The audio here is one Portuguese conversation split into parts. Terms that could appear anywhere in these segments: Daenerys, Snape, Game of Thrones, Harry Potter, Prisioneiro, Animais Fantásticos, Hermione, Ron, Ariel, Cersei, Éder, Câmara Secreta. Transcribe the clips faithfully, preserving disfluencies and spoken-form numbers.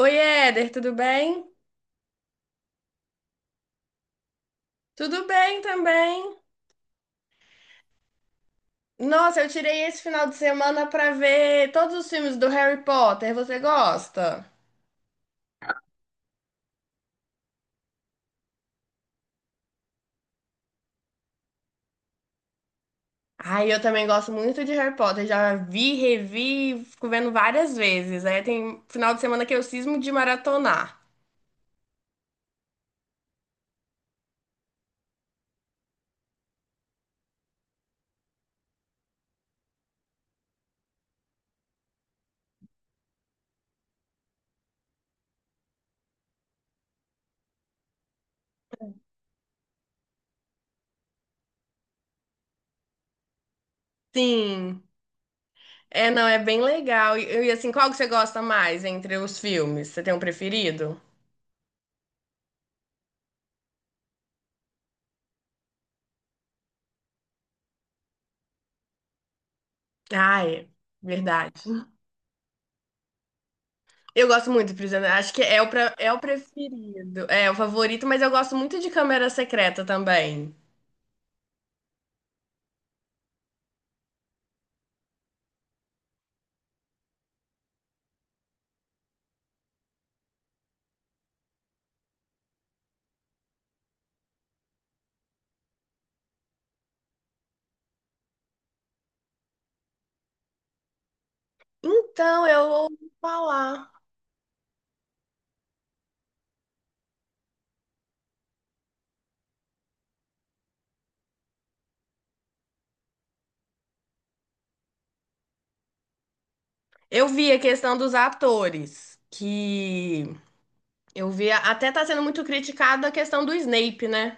Oi, Éder, tudo bem? Tudo bem também. Nossa, eu tirei esse final de semana pra ver todos os filmes do Harry Potter. Você gosta? Ai, eu também gosto muito de Harry Potter. Já vi, revi, fico vendo várias vezes. Aí tem final de semana que eu cismo de maratonar. Sim. É, não, é bem legal. E, e assim, qual que você gosta mais entre os filmes? Você tem um preferido? Ai, verdade. Eu gosto muito de Prisioneiro. Acho que é o, pra- é o preferido. É o favorito, mas eu gosto muito de Câmara Secreta também. Então, eu ouvi falar. Eu vi a questão dos atores, que eu vi até tá sendo muito criticada a questão do Snape, né?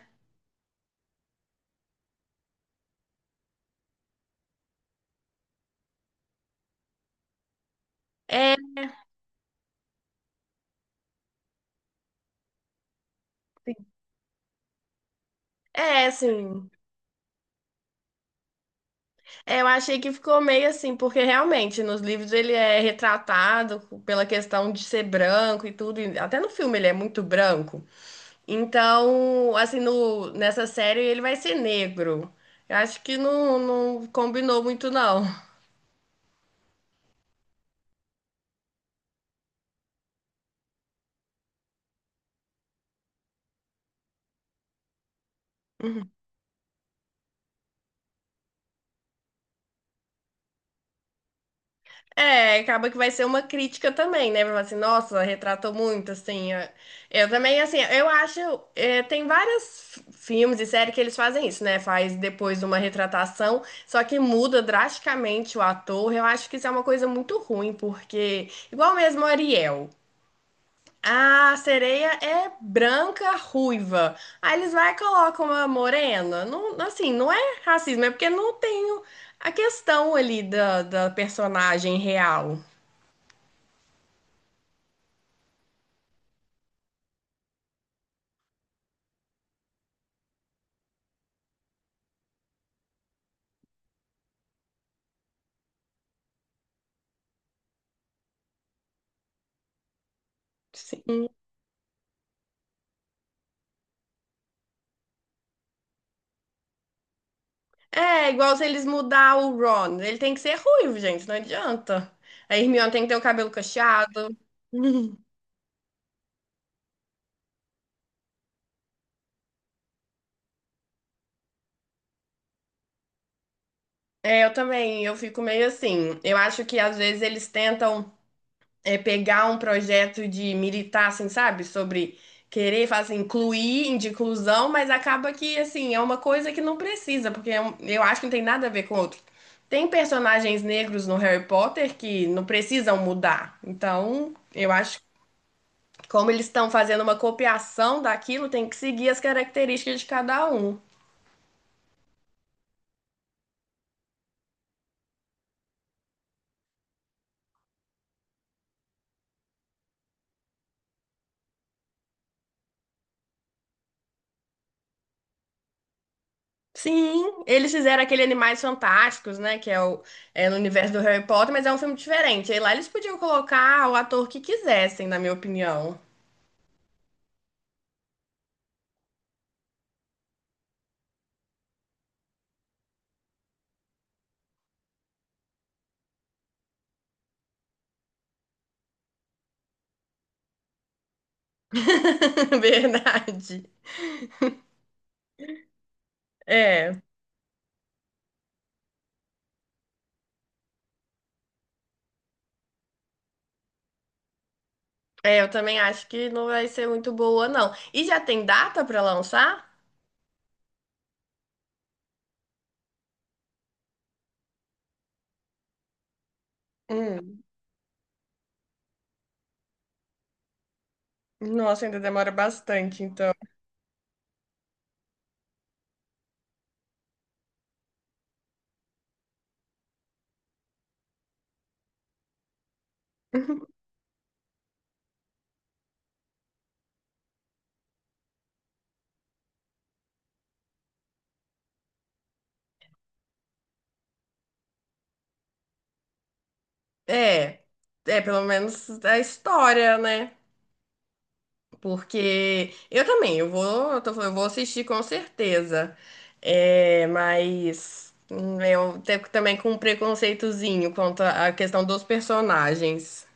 É, é assim. É, eu achei que ficou meio assim, porque realmente nos livros ele é retratado pela questão de ser branco e tudo, e até no filme ele é muito branco. Então, assim, no, nessa série ele vai ser negro. Eu acho que não, não combinou muito, não. É, acaba que vai ser uma crítica também, né? Vai falar assim, nossa, retratou muito, assim. É. Eu também, assim, eu acho. É, tem vários f- filmes e séries que eles fazem isso, né? Faz depois uma retratação, só que muda drasticamente o ator. Eu acho que isso é uma coisa muito ruim, porque. Igual mesmo o Ariel. A sereia é branca, ruiva. Aí eles vai e colocam uma morena. Não, assim, não é racismo, é porque não tem a questão ali da, da personagem real. Sim. É igual se eles mudar o Ron. Ele tem que ser ruivo, gente, não adianta. A Hermione tem que ter o cabelo cacheado. É, eu também, eu fico meio assim. Eu acho que às vezes eles tentam. É pegar um projeto de militar, assim, sabe? Sobre querer, falar assim, incluir, de inclusão, mas acaba que, assim, é uma coisa que não precisa, porque é um- eu acho que não tem nada a ver com o outro. Tem personagens negros no Harry Potter que não precisam mudar. Então, eu acho que como eles estão fazendo uma copiação daquilo, tem que seguir as características de cada um. Sim, eles fizeram aquele Animais Fantásticos, né? Que é, o, é no universo do Harry Potter, mas é um filme diferente. Aí lá eles podiam colocar o ator que quisessem, na minha opinião. Verdade. É, é, eu também acho que não vai ser muito boa, não. E já tem data pra lançar? Hum, nossa, ainda demora bastante, então. É, é pelo menos a história, né? Porque eu também, eu vou, eu tô falando, eu vou assistir com certeza. É, mas hum, eu tenho também com um preconceitozinho quanto à questão dos personagens.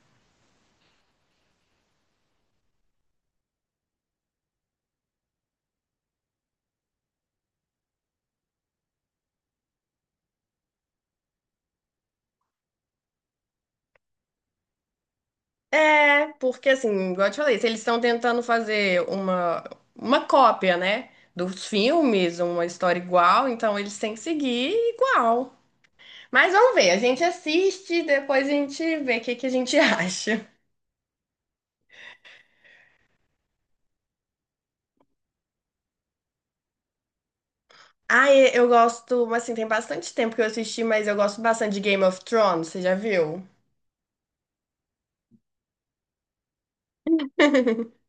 É, porque assim, igual eu te falei, se eles estão tentando fazer uma, uma cópia, né, dos filmes, uma história igual, então eles têm que seguir igual. Mas vamos ver, a gente assiste, e depois a gente vê o que que a gente acha. Ah, e- eu gosto, assim, tem bastante tempo que eu assisti, mas eu gosto bastante de Game of Thrones, você já viu?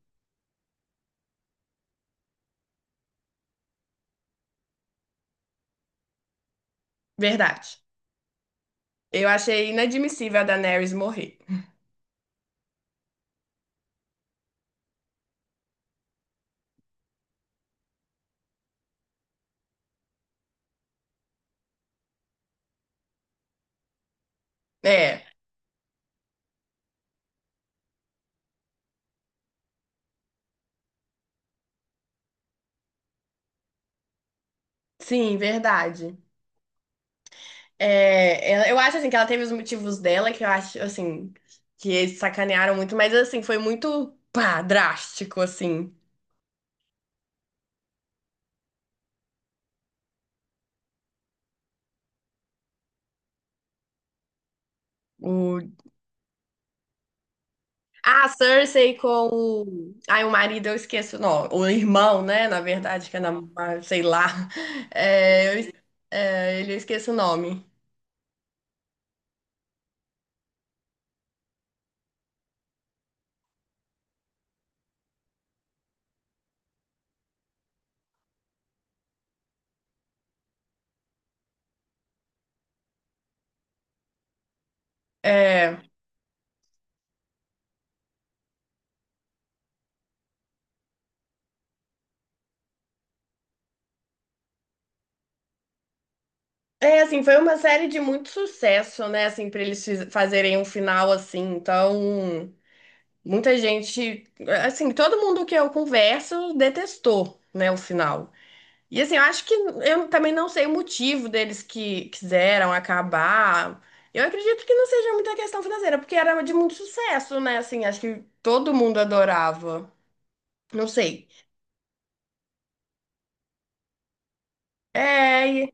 Verdade. Eu achei inadmissível a Daenerys morrer. É, sim, verdade. É, ela- eu acho, assim, que ela teve os motivos dela, que eu acho, assim, que eles sacanearam muito, mas, assim, foi muito, pá, drástico, assim. Ah, Cersei com o. Ai, o marido, eu esqueço. Não, o irmão, né? Na verdade, que é na, sei lá. É, eu... es- é, ele eu esqueço o nome. É... é, assim, foi uma série de muito sucesso, né? Assim, pra eles fiz- fazerem um final assim. Então, muita gente. Assim, todo mundo que eu converso detestou, né? O final. E assim, eu acho que eu também não sei o motivo deles que quiseram acabar. Eu acredito que não seja muita questão financeira, porque era de muito sucesso, né? Assim, acho que todo mundo adorava. Não sei. É,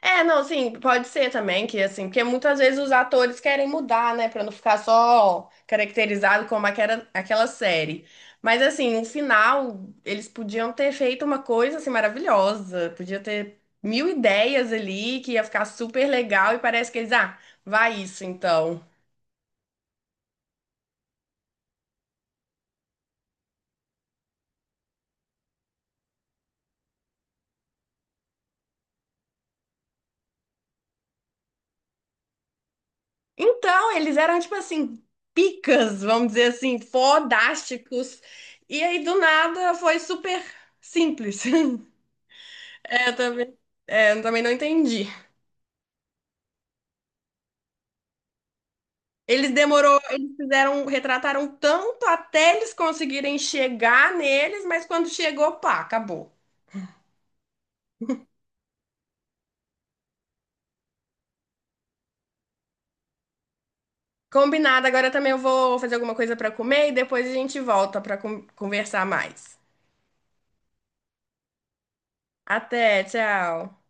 É, não, sim, pode ser também que assim, porque muitas vezes os atores querem mudar, né, pra não ficar só caracterizado como aquela, aquela série. Mas assim, no final eles podiam ter feito uma coisa assim maravilhosa, podia ter mil ideias ali que ia ficar super legal e parece que eles, ah, vai isso então. Então, eles eram tipo assim, picas, vamos dizer assim, fodásticos. E aí do nada foi super simples. É, eu também, é, eu também não entendi. Eles demorou, eles fizeram, retrataram tanto até eles conseguirem chegar neles, mas quando chegou, pá, acabou. Combinado, agora também eu vou fazer alguma coisa para comer e depois a gente volta para conversar mais. Até, tchau.